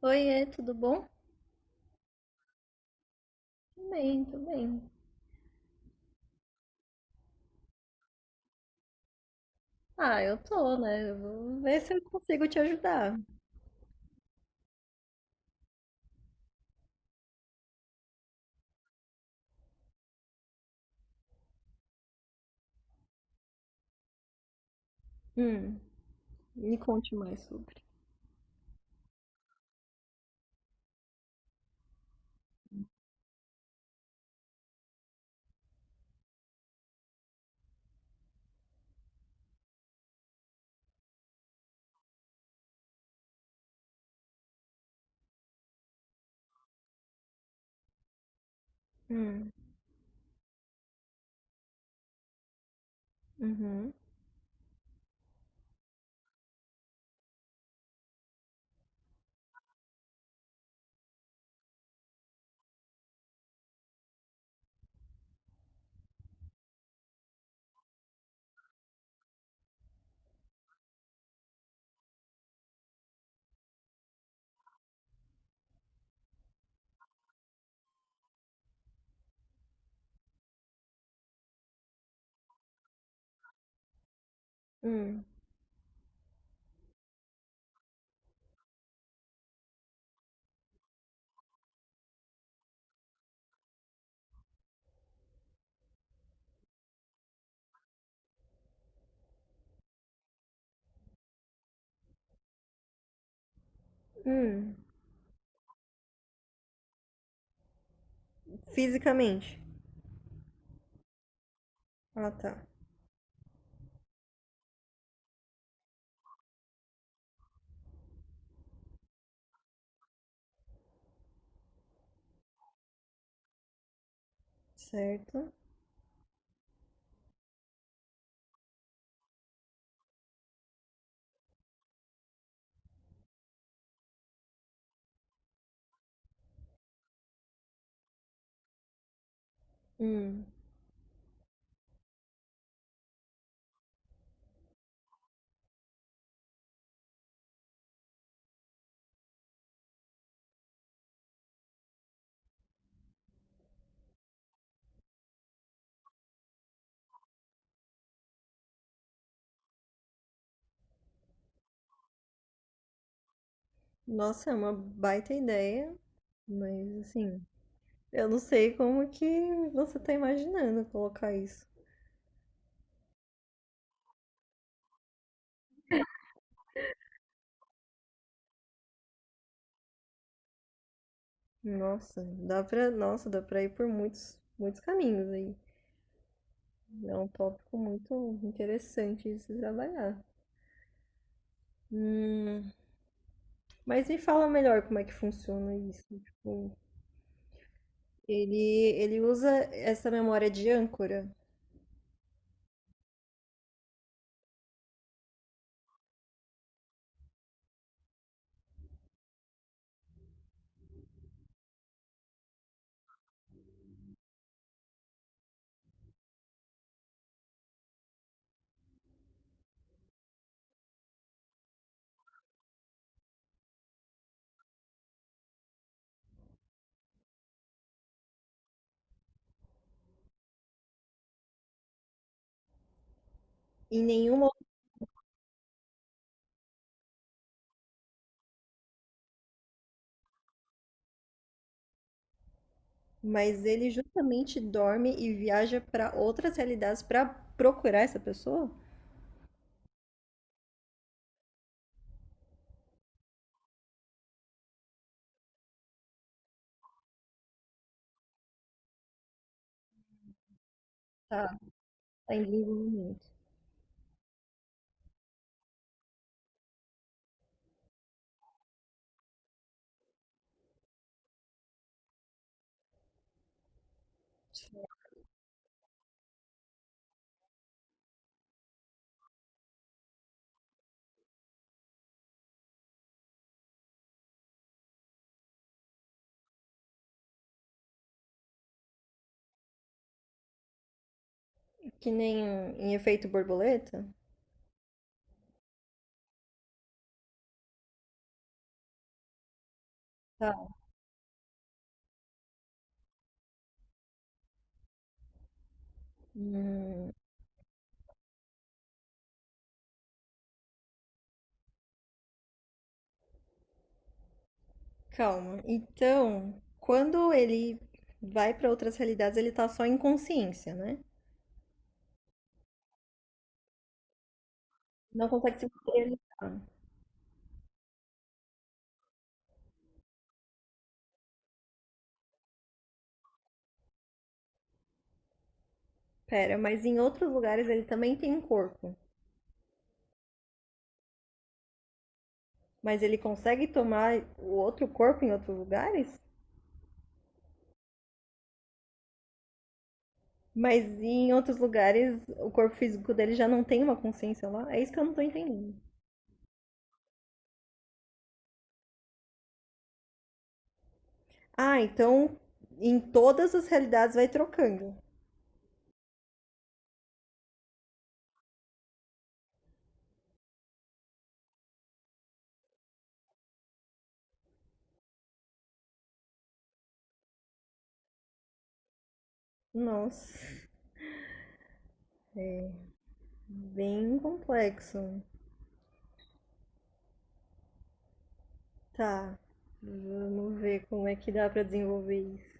Oiê, tudo bom? Tudo bem, tudo bem. Ah, eu tô, né? Eu vou ver se eu consigo te ajudar. Hum, me conte mais sobre. Hum, uhum, hum, hum. Fisicamente. Ah, tá. Certo. Hum. Nossa, é uma baita ideia, mas assim, eu não sei como que você tá imaginando colocar isso. Nossa, dá pra ir por muitos caminhos aí. É um tópico muito interessante de se trabalhar. Hum, mas me fala melhor como é que funciona isso. Tipo, ele, ele usa essa memória de âncora em nenhuma, mas ele justamente dorme e viaja para outras realidades para procurar essa pessoa? Tá, tá em desenvolvimento. Que nem em efeito borboleta? Tá. Hum, calma. Então, quando ele vai para outras realidades, ele tá só em consciência, né? Não consegue se materializar. Pera, mas em outros lugares ele também tem um corpo. Mas ele consegue tomar o outro corpo em outros lugares? Mas em outros lugares o corpo físico dele já não tem uma consciência lá? É isso que eu não tô entendendo. Ah, então em todas as realidades vai trocando. Nossa, bem complexo. Tá, vamos ver como é que dá pra desenvolver isso.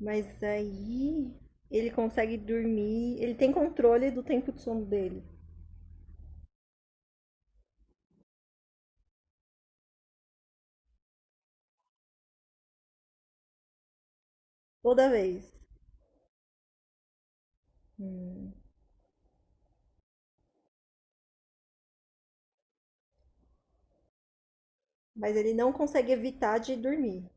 Mas aí ele consegue dormir, ele tem controle do tempo de sono dele, toda vez. Hum. Mas ele não consegue evitar de dormir.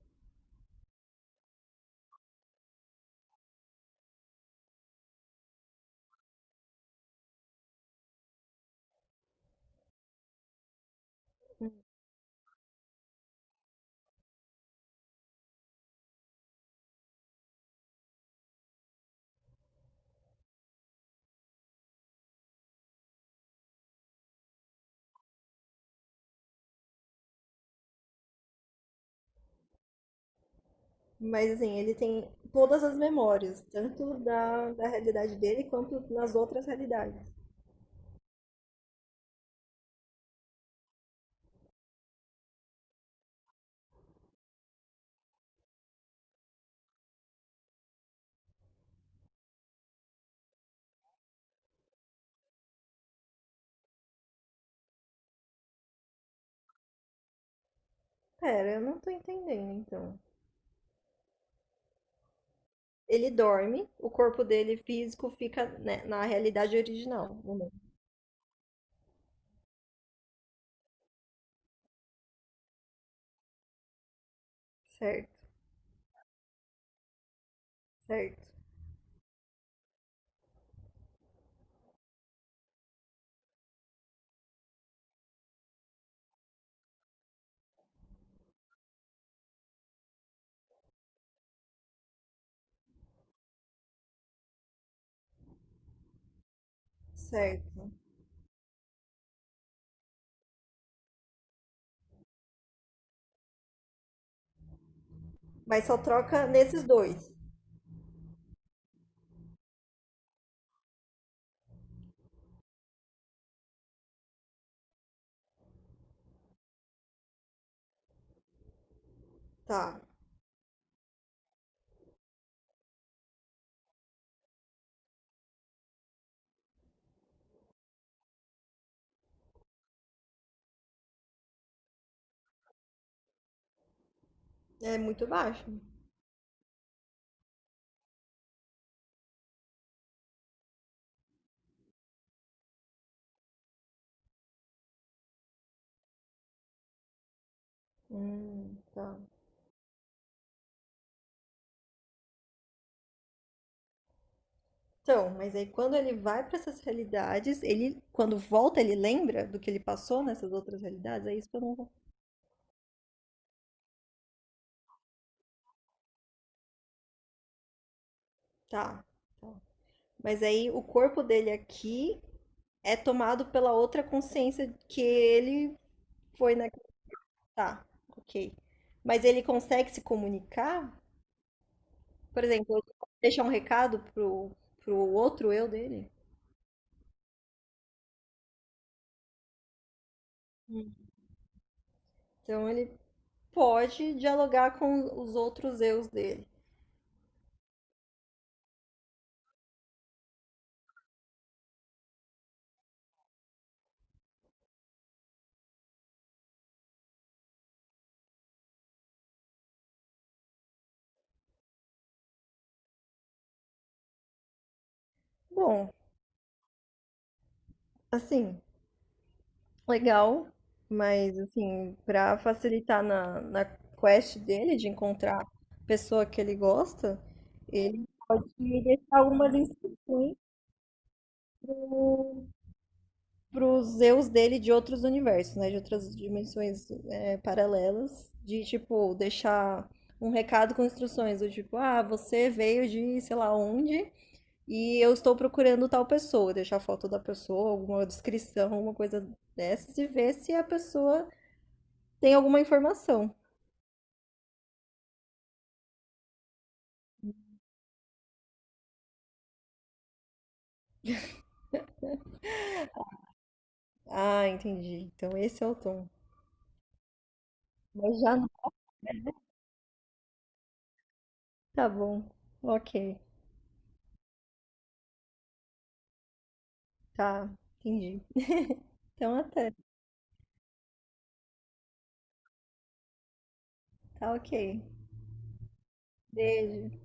Mas assim, ele tem todas as memórias, tanto da realidade dele quanto nas outras realidades. Pera, eu não tô entendendo então. Ele dorme, o corpo dele físico fica, né, na realidade original, no mundo. Certo, certo, certo. Mas só troca nesses dois. Tá. É muito baixo. Tá. Então, mas aí quando ele vai para essas realidades, ele, quando volta, ele lembra do que ele passou nessas outras realidades? É isso que eu não vou. Tá, tá. Mas aí o corpo dele aqui é tomado pela outra consciência que ele foi na. Tá, ok. Mas ele consegue se comunicar? Por exemplo, ele deixa um recado pro outro eu dele? Então ele pode dialogar com os outros eus dele. Bom, assim. Legal, mas assim, pra facilitar na quest dele de encontrar a pessoa que ele gosta, ele pode deixar algumas instruções pros Zeus dele de outros universos, né? De outras dimensões é, paralelas, de tipo, deixar um recado com instruções do tipo, ah, você veio de sei lá onde e eu estou procurando tal pessoa, deixar a foto da pessoa, alguma descrição, alguma coisa dessas, e ver se a pessoa tem alguma informação. Ah, entendi. Então esse é o tom. Mas já não. Tá bom. Ok. Tá. Entendi. Então até. Tá ok. Beijo.